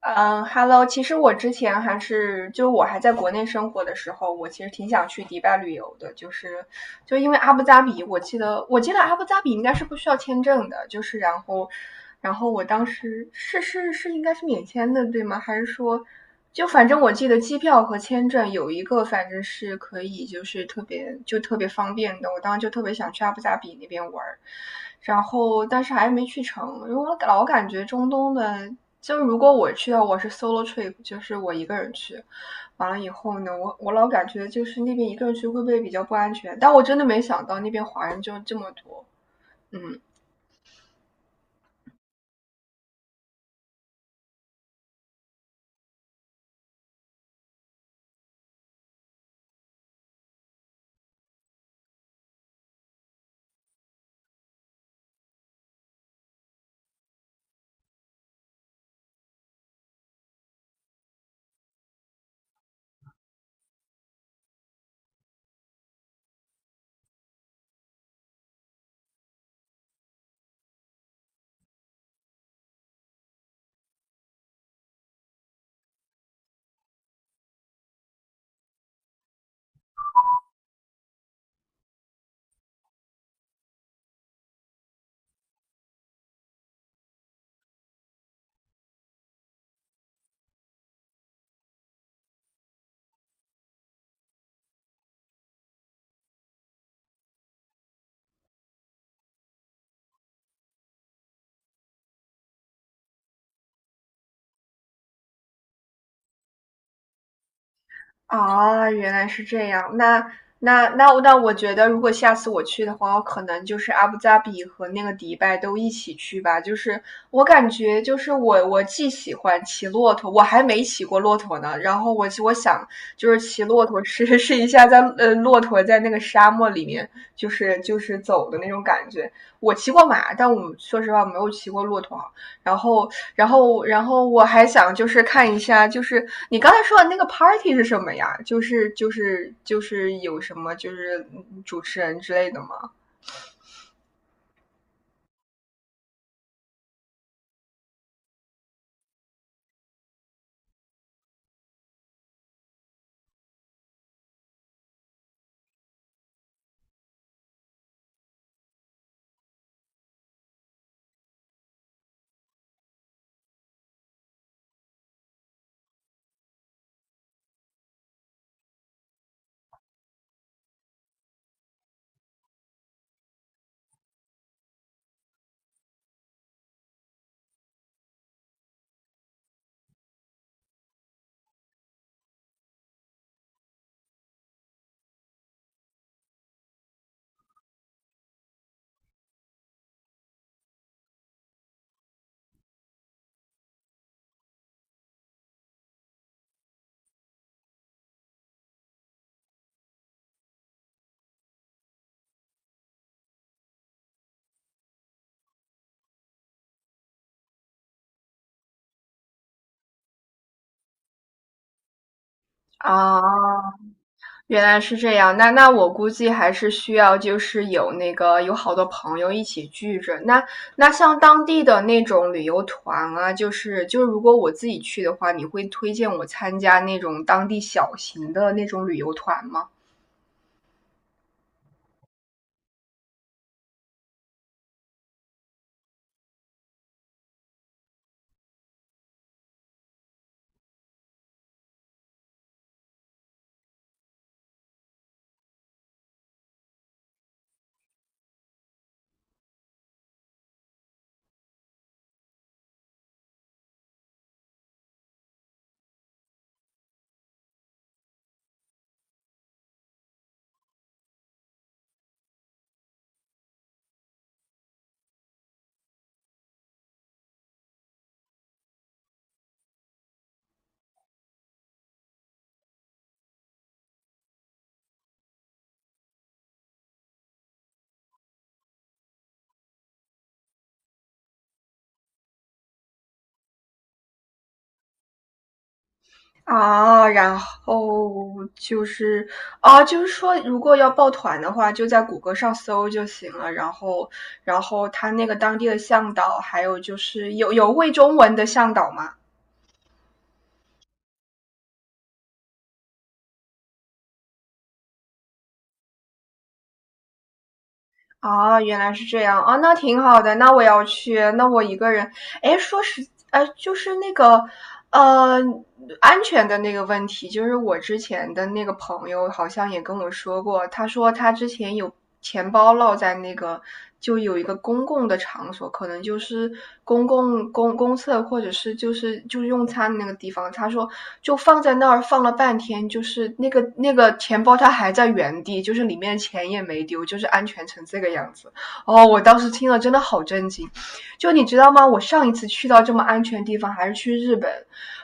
嗯，Hello，其实我之前还是，就我还在国内生活的时候，我其实挺想去迪拜旅游的，就是就因为阿布扎比，我记得阿布扎比应该是不需要签证的，就是然后我当时应该是免签的，对吗？还是说就反正我记得机票和签证有一个反正是可以，就是特别方便的，我当时就特别想去阿布扎比那边玩儿。然后但是还没去成，因为我老感觉中东的就如果我去的我是 solo trip，就是我一个人去，完了以后呢，我老感觉就是那边一个人去会不会比较不安全？但我真的没想到那边华人就这么多，嗯。啊，原来是这样。那，我觉得如果下次我去的话，我可能就是阿布扎比和那个迪拜都一起去吧。就是我感觉，就是我既喜欢骑骆驼，我还没骑过骆驼呢。然后我想就是骑骆驼试 试一下在骆驼在那个沙漠里面就是走的那种感觉。我骑过马，但我说实话我没有骑过骆驼，然后，然后我还想就是看一下，就是你刚才说的那个 party 是什么呀？就是就是有什么就是主持人之类的吗？啊，原来是这样。那那我估计还是需要就是有那个有好多朋友一起聚着。那那像当地的那种旅游团啊，就是如果我自己去的话，你会推荐我参加那种当地小型的那种旅游团吗？啊，然后就是啊，就是说，如果要报团的话，就在谷歌上搜就行了。然后，然后他那个当地的向导，还有就是有会中文的向导吗？啊，原来是这样啊，那挺好的。那我要去，那我一个人，哎，说实，呃，就是那个，呃，安全的那个问题，就是我之前的那个朋友好像也跟我说过，他说他之前有钱包落在那个，就有一个公共的场所，可能就是公共厕或者是就是用餐的那个地方，他说就放在那儿放了半天，就是那个钱包它还在原地，就是里面钱也没丢，就是安全成这个样子。哦，我当时听了真的好震惊。就你知道吗？我上一次去到这么安全的地方还是去日本，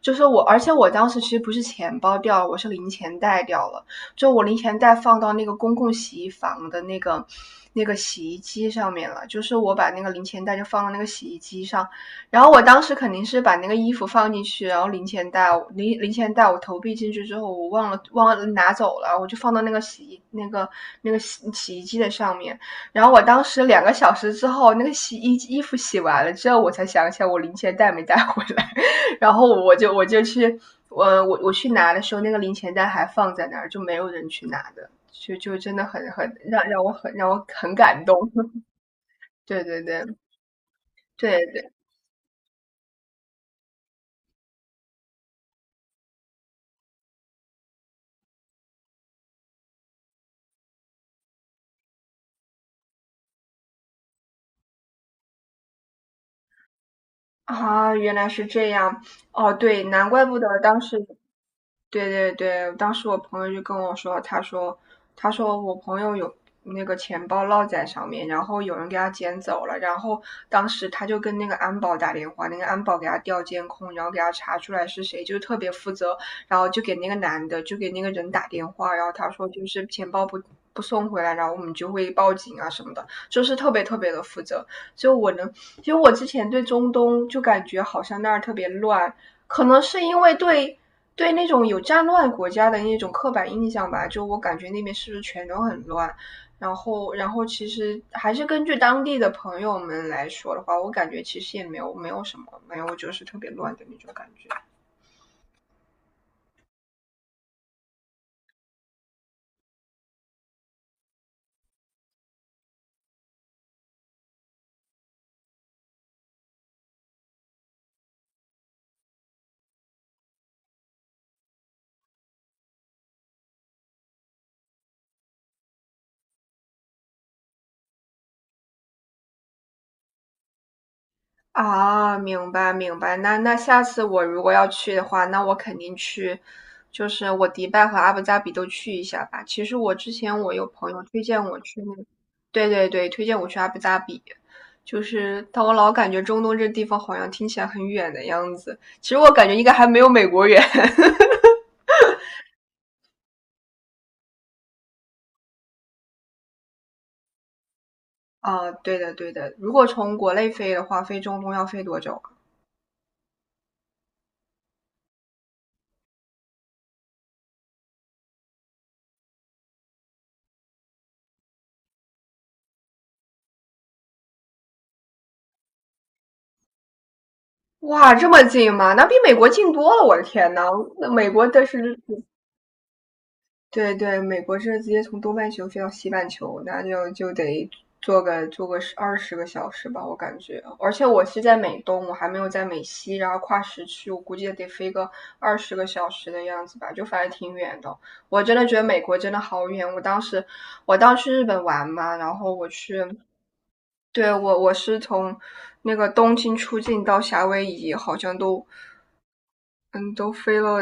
就是我，而且我当时其实不是钱包掉了，我是零钱袋掉了。就我零钱袋放到那个公共洗衣房的那个洗衣机上面了，就是我把那个零钱袋就放到那个洗衣机上，然后我当时肯定是把那个衣服放进去，然后零钱袋零钱袋我投币进去之后，我忘了拿走了，我就放到那个洗衣那个那个洗衣机的上面。然后我当时2个小时之后，那个洗衣衣服洗完了之后，我才想起来我零钱袋没带回来，然后我就去，我去拿的时候，那个零钱袋还放在那儿，就没有人去拿的，就真的很让我很感动。对对对对对啊，原来是这样。哦，对，难怪不得当时对对对，当时我朋友就跟我说，他说，他说我朋友有那个钱包落在上面，然后有人给他捡走了，然后当时他就跟那个安保打电话，那个安保给他调监控，然后给他查出来是谁，就是特别负责，然后就给那个男的，就给那个人打电话，然后他说就是钱包不送回来，然后我们就会报警啊什么的，就是特别特别的负责。就我能，其实我之前对中东就感觉好像那儿特别乱，可能是因为对那种有战乱国家的那种刻板印象吧，就我感觉那边是不是全都很乱？然后，然后其实还是根据当地的朋友们来说的话，我感觉其实也没有什么，没有就是特别乱的那种感觉。啊，明白明白。那那下次我如果要去的话，那我肯定去，就是我迪拜和阿布扎比都去一下吧。其实我之前我有朋友推荐我去那，对对对，推荐我去阿布扎比，就是但我老感觉中东这地方好像听起来很远的样子，其实我感觉应该还没有美国远。啊，对的对的，如果从国内飞的话，飞中东要飞多久啊？哇，这么近吗？那比美国近多了，我的天呐，那美国的是对对，美国这直接从东半球飞到西半球，那就就得坐个十二十个小时吧，我感觉。而且我是在美东，我还没有在美西，然后跨时区，我估计也得飞个二十个小时的样子吧，就反正挺远的。我真的觉得美国真的好远。我当时去日本玩嘛，然后我去，对，我是从那个东京出境到夏威夷，好像都嗯，都飞了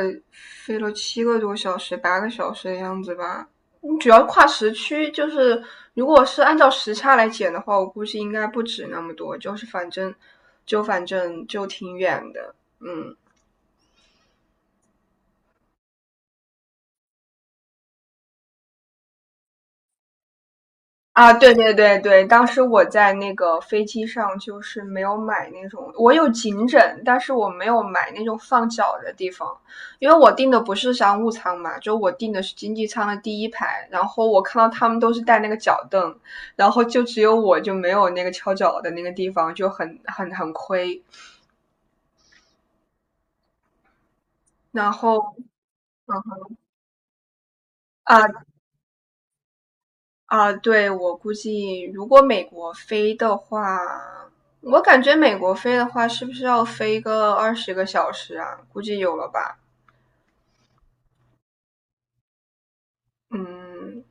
飞了7个多小时、8个小时的样子吧。你主要跨时区，就是如果是按照时差来减的话，我估计应该不止那么多。就是反正就挺远的，嗯。啊，对对对对，当时我在那个飞机上就是没有买那种，我有颈枕，但是我没有买那种放脚的地方，因为我订的不是商务舱嘛，就我订的是经济舱的第一排，然后我看到他们都是带那个脚凳，然后就只有我就没有那个翘脚的那个地方，就很很亏。然后，嗯啊，啊，对，我估计如果美国飞的话，我感觉美国飞的话，是不是要飞个二十个小时啊？估计有了吧。嗯。